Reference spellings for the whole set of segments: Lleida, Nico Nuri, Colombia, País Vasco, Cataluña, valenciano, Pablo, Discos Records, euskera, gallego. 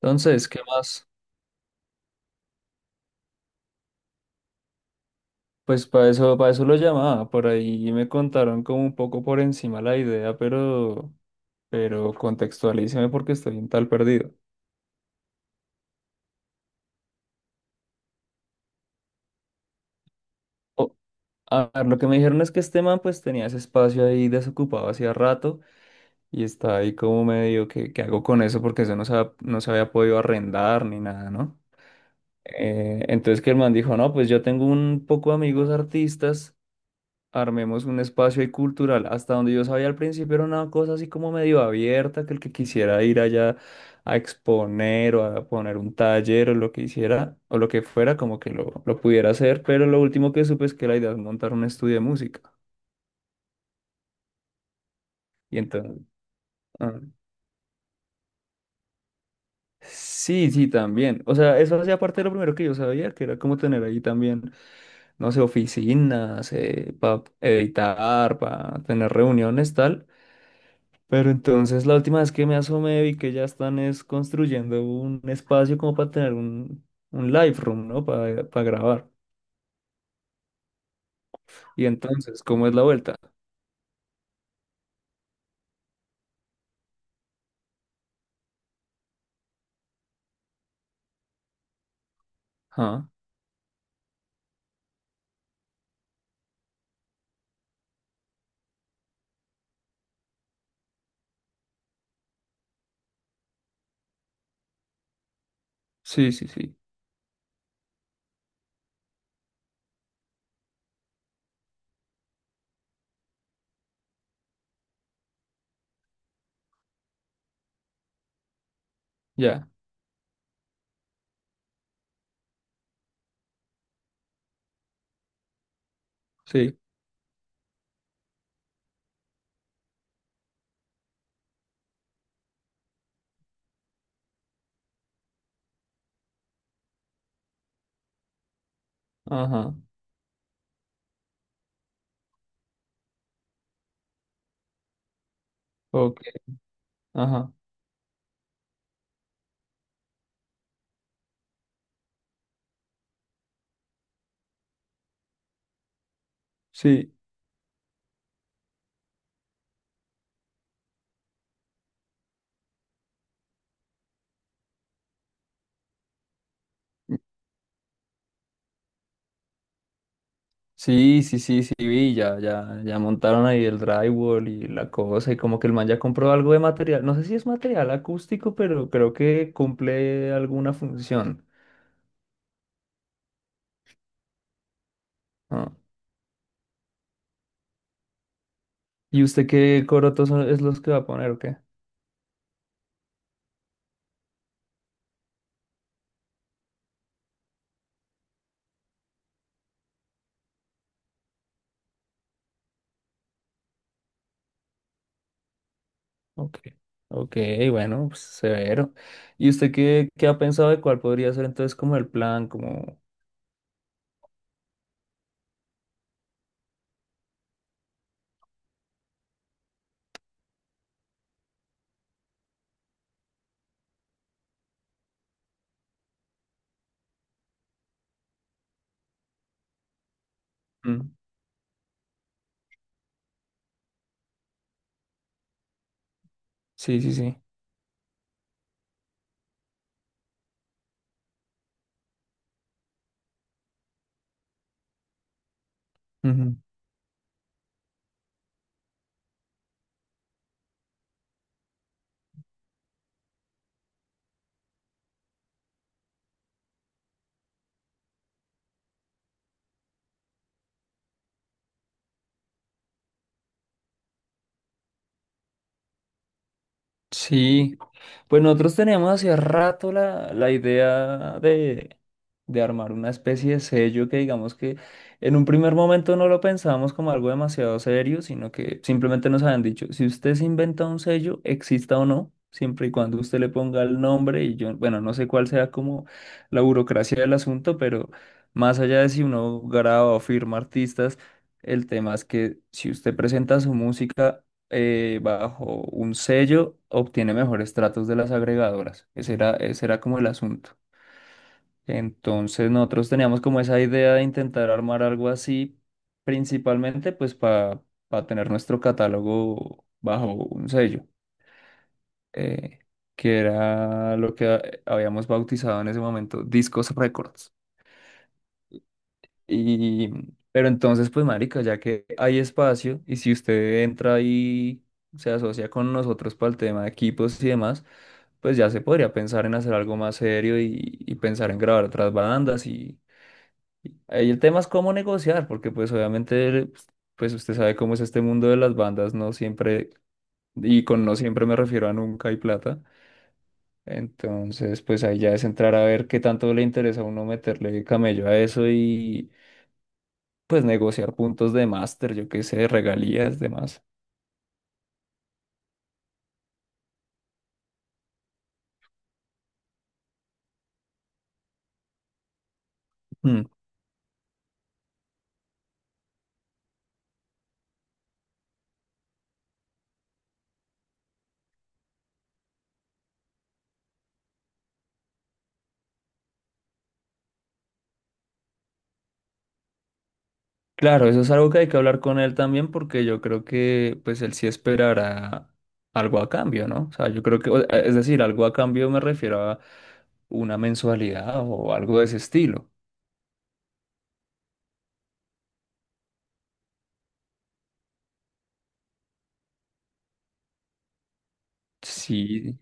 Entonces, ¿qué más? Pues para eso lo llamaba, por ahí me contaron como un poco por encima la idea, pero contextualíceme porque estoy un tal perdido. O- a ver, lo que me dijeron es que este man pues tenía ese espacio ahí desocupado hacía rato y está ahí como medio que, ¿qué hago con eso? Porque eso no se, no se había podido arrendar ni nada, ¿no? Entonces que el man dijo, no, pues yo tengo un poco de amigos artistas. Armemos un espacio ahí cultural. Hasta donde yo sabía al principio era una cosa así como medio abierta, que el que quisiera ir allá a exponer o a poner un taller o lo que hiciera o lo que fuera, como que lo pudiera hacer. Pero lo último que supe es que la idea es montar un estudio de música. Y entonces, ah, sí, sí, también. O sea, eso hacía parte de lo primero que yo sabía, que era como tener ahí también, no sé, oficinas, para editar, para tener reuniones, tal. Pero entonces la última vez que me asomé vi que ya están es construyendo un espacio como para tener un live room, ¿no? Para grabar. Y entonces, ¿cómo es la vuelta? Ajá. Sí, sí, sí. Ya. Sí. Ajá. Ok. Ajá. Sí. Sí, sí, sí, sí, vi, ya, ya, ya montaron ahí el drywall y la cosa, y como que el man ya compró algo de material, no sé si es material acústico, pero creo que cumple alguna función. Ah. ¿Y usted qué corotos es los que va a poner o qué? Ok, ok, bueno, pues, severo. ¿Y usted qué ha pensado de cuál podría ser entonces como el plan? Como... Mm. Sí, sí, sí. Sí, pues nosotros teníamos hace rato la idea de armar una especie de sello que digamos que en un primer momento no lo pensábamos como algo demasiado serio, sino que simplemente nos habían dicho, si usted se inventa un sello, exista o no, siempre y cuando usted le ponga el nombre y yo, bueno, no sé cuál sea como la burocracia del asunto, pero más allá de si uno graba o firma artistas, el tema es que si usted presenta su música bajo un sello obtiene mejores tratos de las agregadoras. Ese era como el asunto. Entonces nosotros teníamos como esa idea de intentar armar algo así, principalmente pues para tener nuestro catálogo bajo un sello, eh, que era lo que habíamos bautizado en ese momento, Discos Records. Y, pero entonces, pues, marica, ya que hay espacio y si usted entra y se asocia con nosotros para el tema de equipos y demás, pues ya se podría pensar en hacer algo más serio y pensar en grabar otras bandas. Y ahí el tema es cómo negociar, porque pues obviamente, pues usted sabe cómo es este mundo de las bandas, no siempre, y con no siempre me refiero a nunca hay plata. Entonces, pues ahí ya es entrar a ver qué tanto le interesa a uno meterle camello a eso y pues negociar puntos de máster, yo qué sé, regalías, demás. Mm. Claro, eso es algo que hay que hablar con él también porque yo creo que pues él sí esperará algo a cambio, ¿no? O sea, yo creo que, es decir, algo a cambio me refiero a una mensualidad o algo de ese estilo. Sí.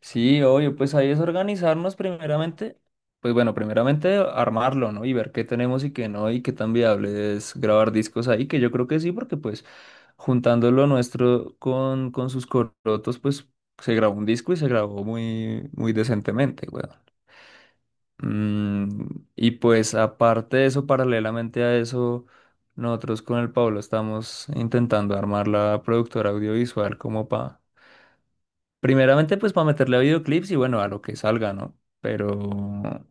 Sí, obvio, pues ahí es organizarnos primeramente, pues bueno, primeramente armarlo, ¿no? Y ver qué tenemos y qué no, y qué tan viable es grabar discos ahí, que yo creo que sí, porque pues juntando lo nuestro con sus corotos, pues se grabó un disco y se grabó muy, muy decentemente, weón. Mm, y pues aparte de eso, paralelamente a eso, nosotros con el Pablo estamos intentando armar la productora audiovisual como para primeramente, pues para meterle a videoclips y bueno, a lo que salga, ¿no? Pero,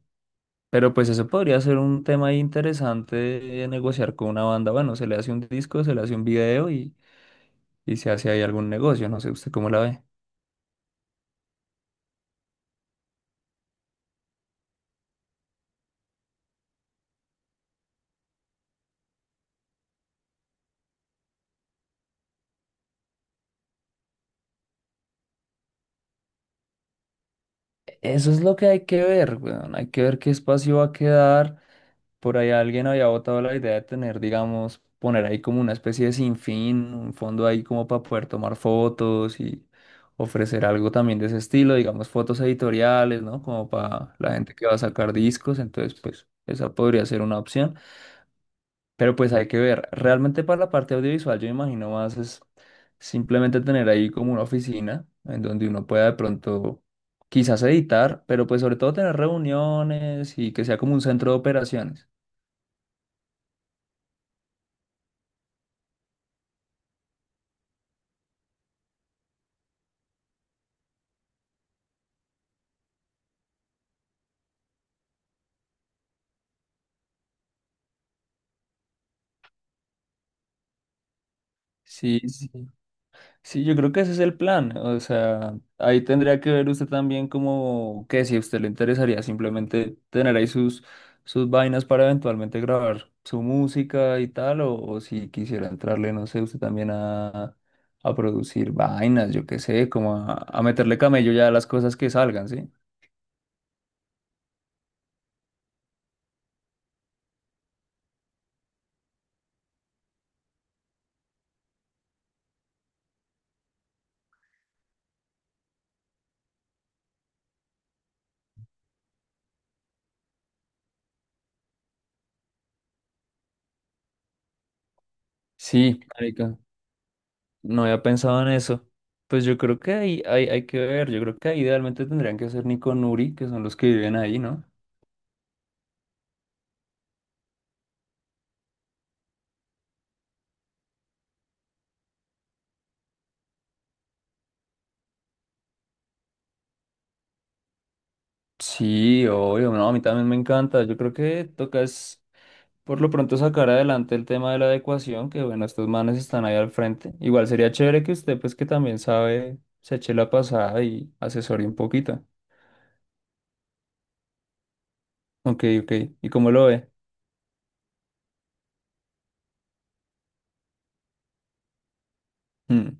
pero pues eso podría ser un tema ahí interesante de negociar con una banda. Bueno, se le hace un disco, se le hace un video y se hace ahí algún negocio. No sé usted cómo la ve. Eso es lo que hay que ver, weón. Hay que ver qué espacio va a quedar. Por ahí alguien había botado la idea de tener, digamos, poner ahí como una especie de sinfín, un fondo ahí como para poder tomar fotos y ofrecer algo también de ese estilo, digamos, fotos editoriales, ¿no? Como para la gente que va a sacar discos, entonces pues esa podría ser una opción, pero pues hay que ver. Realmente para la parte audiovisual yo me imagino más es simplemente tener ahí como una oficina en donde uno pueda de pronto quizás editar, pero pues sobre todo tener reuniones y que sea como un centro de operaciones. Sí, sí, sí, yo creo que ese es el plan. O sea, ahí tendría que ver usted también como que si a usted le interesaría simplemente tener ahí sus, sus vainas para eventualmente grabar su música y tal, o si quisiera entrarle, no sé, usted también a producir vainas, yo qué sé, como a meterle camello ya a las cosas que salgan, ¿sí? Sí, marica, no había pensado en eso. Pues yo creo que ahí hay, hay que ver, yo creo que ahí idealmente tendrían que ser Nico Nuri, que son los que viven ahí, ¿no? Sí, obvio, no, a mí también me encanta. Yo creo que toca es por lo pronto sacar adelante el tema de la adecuación, que bueno, estos manes están ahí al frente. Igual sería chévere que usted, pues que también sabe, se eche la pasada y asesore un poquito. Ok, ok. ¿Y cómo lo ve? Mm.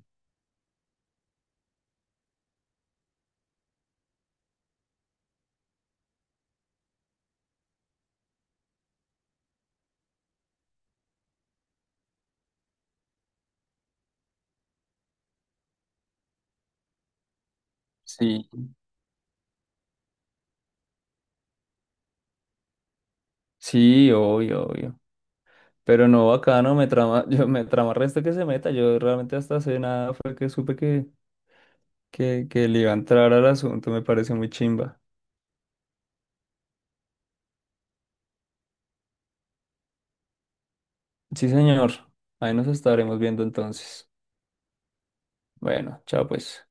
Sí, sí, obvio, obvio. Pero no, acá no me trama, yo me trama resto que se meta. Yo realmente hasta hace nada fue que supe que le iba a entrar al asunto, me parece muy chimba. Sí, señor. Ahí nos estaremos viendo entonces. Bueno, chao pues.